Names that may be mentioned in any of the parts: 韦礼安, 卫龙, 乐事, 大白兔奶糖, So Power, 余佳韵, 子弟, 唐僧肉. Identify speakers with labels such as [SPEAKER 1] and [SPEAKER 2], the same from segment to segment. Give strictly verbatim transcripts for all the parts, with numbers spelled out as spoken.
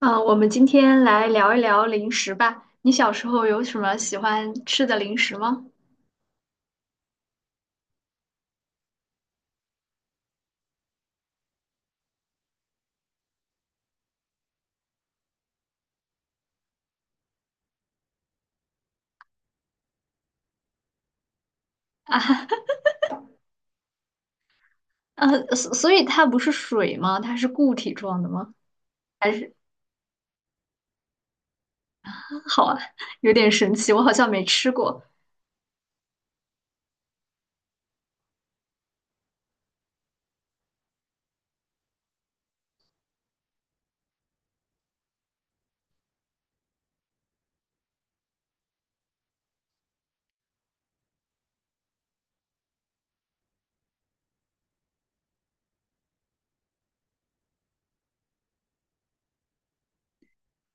[SPEAKER 1] 嗯，呃我们今天来聊一聊零食吧。你小时候有什么喜欢吃的零食吗？呃，所所以它不是水吗？它是固体状的吗？还是好啊，有点神奇，我好像没吃过。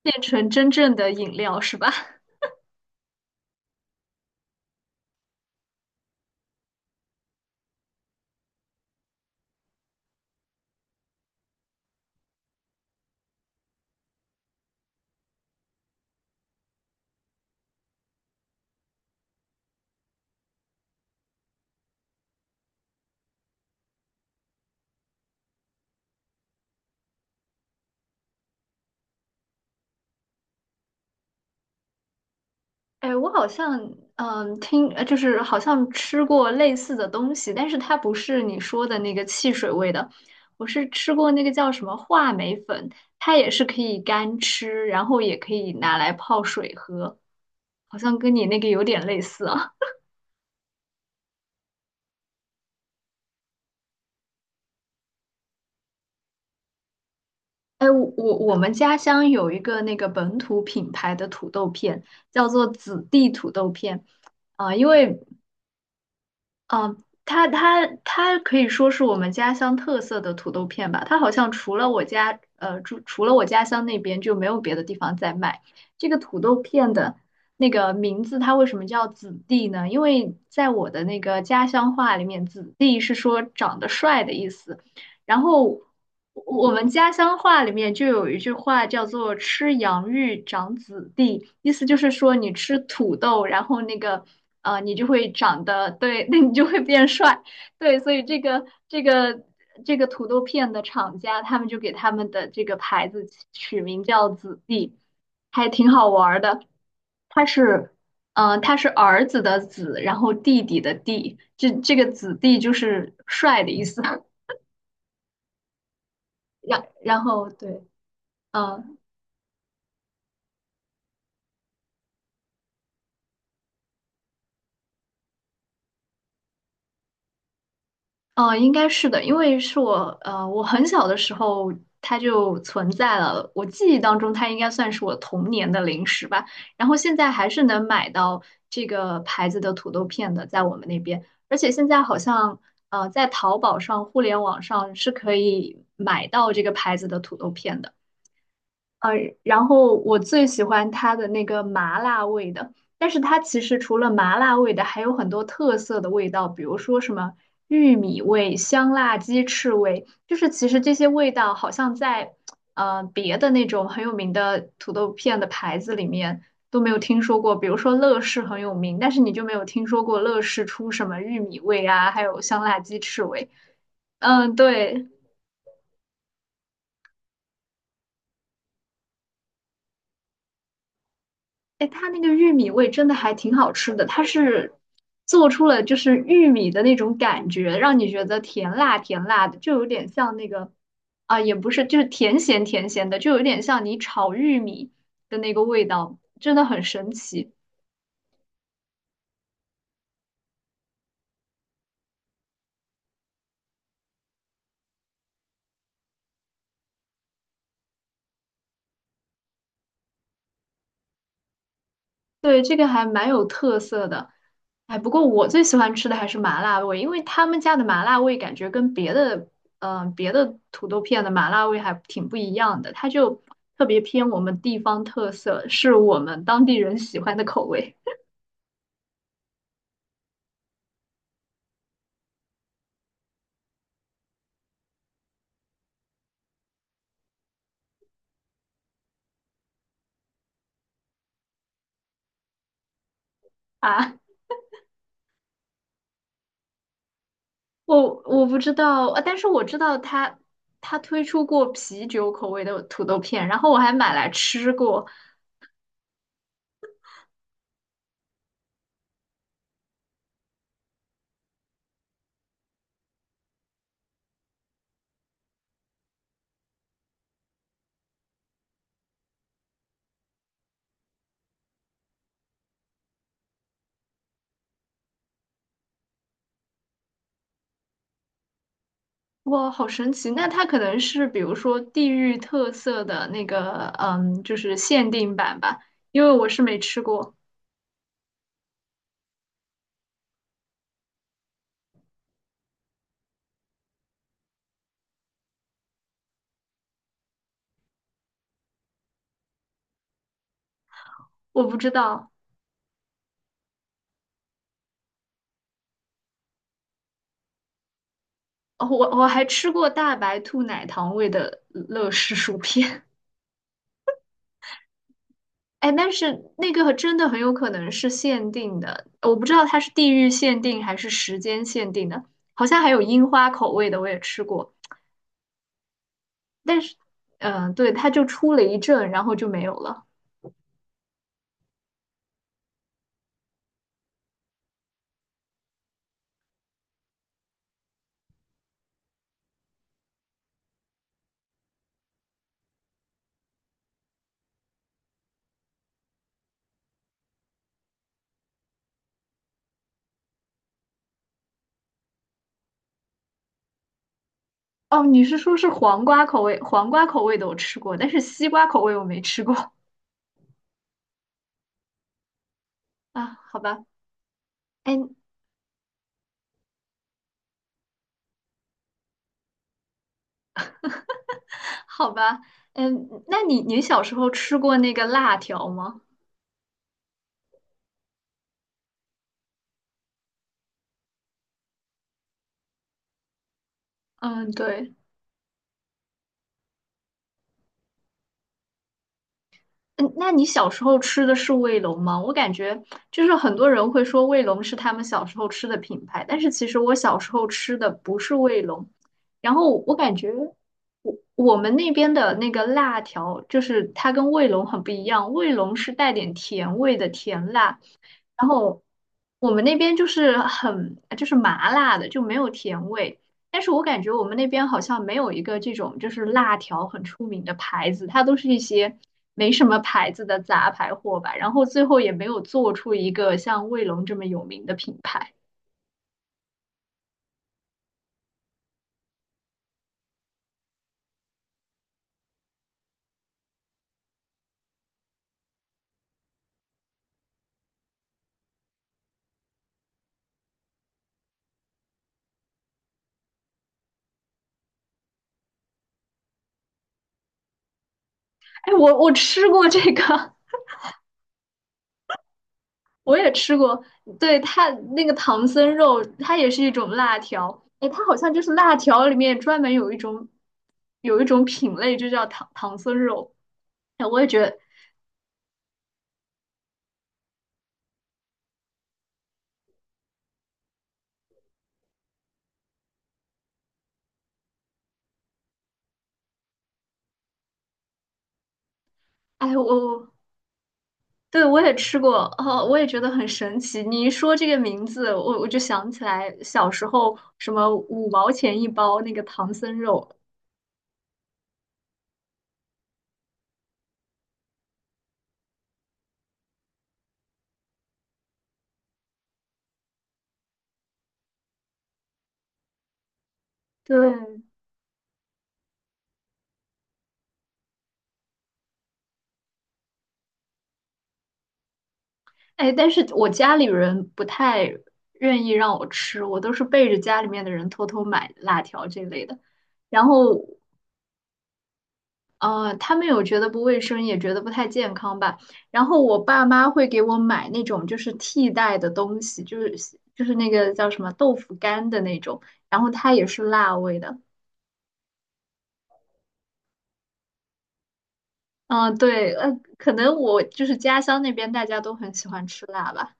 [SPEAKER 1] 变成真正的饮料是吧？哎，我好像嗯听，呃就是好像吃过类似的东西，但是它不是你说的那个汽水味的。我是吃过那个叫什么话梅粉，它也是可以干吃，然后也可以拿来泡水喝。好像跟你那个有点类似啊。哎，我我我们家乡有一个那个本土品牌的土豆片，叫做子弟土豆片。啊、因为啊、它它它可以说是我们家乡特色的土豆片吧。它好像除了我家呃，除除了我家乡那边就没有别的地方在卖这个土豆片的那个名字。它为什么叫子弟呢？因为在我的那个家乡话里面，子弟是说长得帅的意思。然后我们家乡话里面就有一句话叫做“吃洋芋长子弟”，意思就是说你吃土豆，然后那个呃，你就会长得对，那你就会变帅。对，所以这个这个这个土豆片的厂家，他们就给他们的这个牌子取名叫“子弟”，还挺好玩儿的。它是。嗯，呃他是儿子的子，然后弟弟的弟，这这个子弟就是帅的意思。然然后对。嗯呃，应该是的，因为是我呃，我很小的时候它就存在了，我记忆当中它应该算是我童年的零食吧。然后现在还是能买到这个牌子的土豆片的，在我们那边，而且现在好像呃，在淘宝上、互联网上是可以买到这个牌子的土豆片的。呃，然后我最喜欢它的那个麻辣味的，但是它其实除了麻辣味的，还有很多特色的味道，比如说什么玉米味、香辣鸡翅味，就是其实这些味道好像在呃别的那种很有名的土豆片的牌子里面都没有听说过。比如说乐事很有名，但是你就没有听说过乐事出什么玉米味啊，还有香辣鸡翅味。嗯，对。哎，它那个玉米味真的还挺好吃的，它是做出了就是玉米的那种感觉，让你觉得甜辣甜辣的，就有点像那个啊，也不是，就是甜咸甜咸的，就有点像你炒玉米的那个味道，真的很神奇。对，这个还蛮有特色的。哎，不过我最喜欢吃的还是麻辣味，因为他们家的麻辣味感觉跟别的，嗯、别的土豆片的麻辣味还挺不一样的，它就特别偏我们地方特色，是我们当地人喜欢的口味。 啊。我我不知道，呃但是我知道他他推出过啤酒口味的土豆片，然后我还买来吃过。哇，好神奇！那它可能是比如说地域特色的那个，嗯，就是限定版吧，因为我是没吃过，我不知道。哦我我还吃过大白兔奶糖味的乐事薯片。哎，但是那个真的很有可能是限定的，我不知道它是地域限定还是时间限定的。好像还有樱花口味的，我也吃过，但是，嗯、对，它就出了一阵，然后就没有了。哦，你是说是黄瓜口味？黄瓜口味的我吃过，但是西瓜口味我没吃过。 啊。好吧，哎，好吧。嗯，那你你小时候吃过那个辣条吗？嗯，对。嗯，那你小时候吃的是卫龙吗？我感觉就是很多人会说卫龙是他们小时候吃的品牌，但是其实我小时候吃的不是卫龙，然后我感觉。我我们那边的那个辣条，就是它跟卫龙很不一样，卫龙是带点甜味的甜辣，然后我们那边就是很就是麻辣的，就没有甜味。但是我感觉我们那边好像没有一个这种就是辣条很出名的牌子，它都是一些没什么牌子的杂牌货吧。然后最后也没有做出一个像卫龙这么有名的品牌。哎，我我吃过这个。我也吃过。对，它那个唐僧肉，它也是一种辣条。哎，它好像就是辣条里面专门有一种有一种品类，就叫唐唐僧肉。哎，我也觉得，哎，我对我也吃过。哦，我也觉得很神奇。你一说这个名字，我我就想起来小时候什么五毛钱一包那个唐僧肉。对，哎，但是我家里人不太愿意让我吃，我都是背着家里面的人偷偷买辣条这类的。然后，呃，他们有觉得不卫生，也觉得不太健康吧。然后我爸妈会给我买那种就是替代的东西，就是就是那个叫什么豆腐干的那种，然后它也是辣味的。嗯，对，呃，可能我就是家乡那边大家都很喜欢吃辣吧。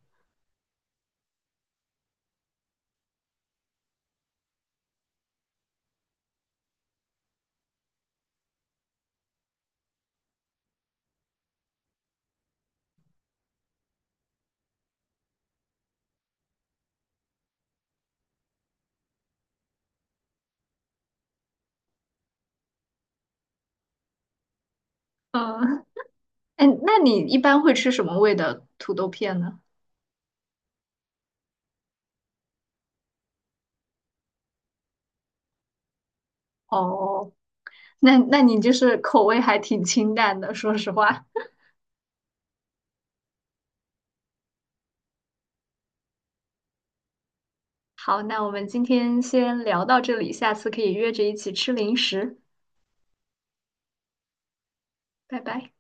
[SPEAKER 1] 嗯，哎，那你一般会吃什么味的土豆片呢？哦。那那你就是口味还挺清淡的，说实话。好，那我们今天先聊到这里，下次可以约着一起吃零食，拜拜。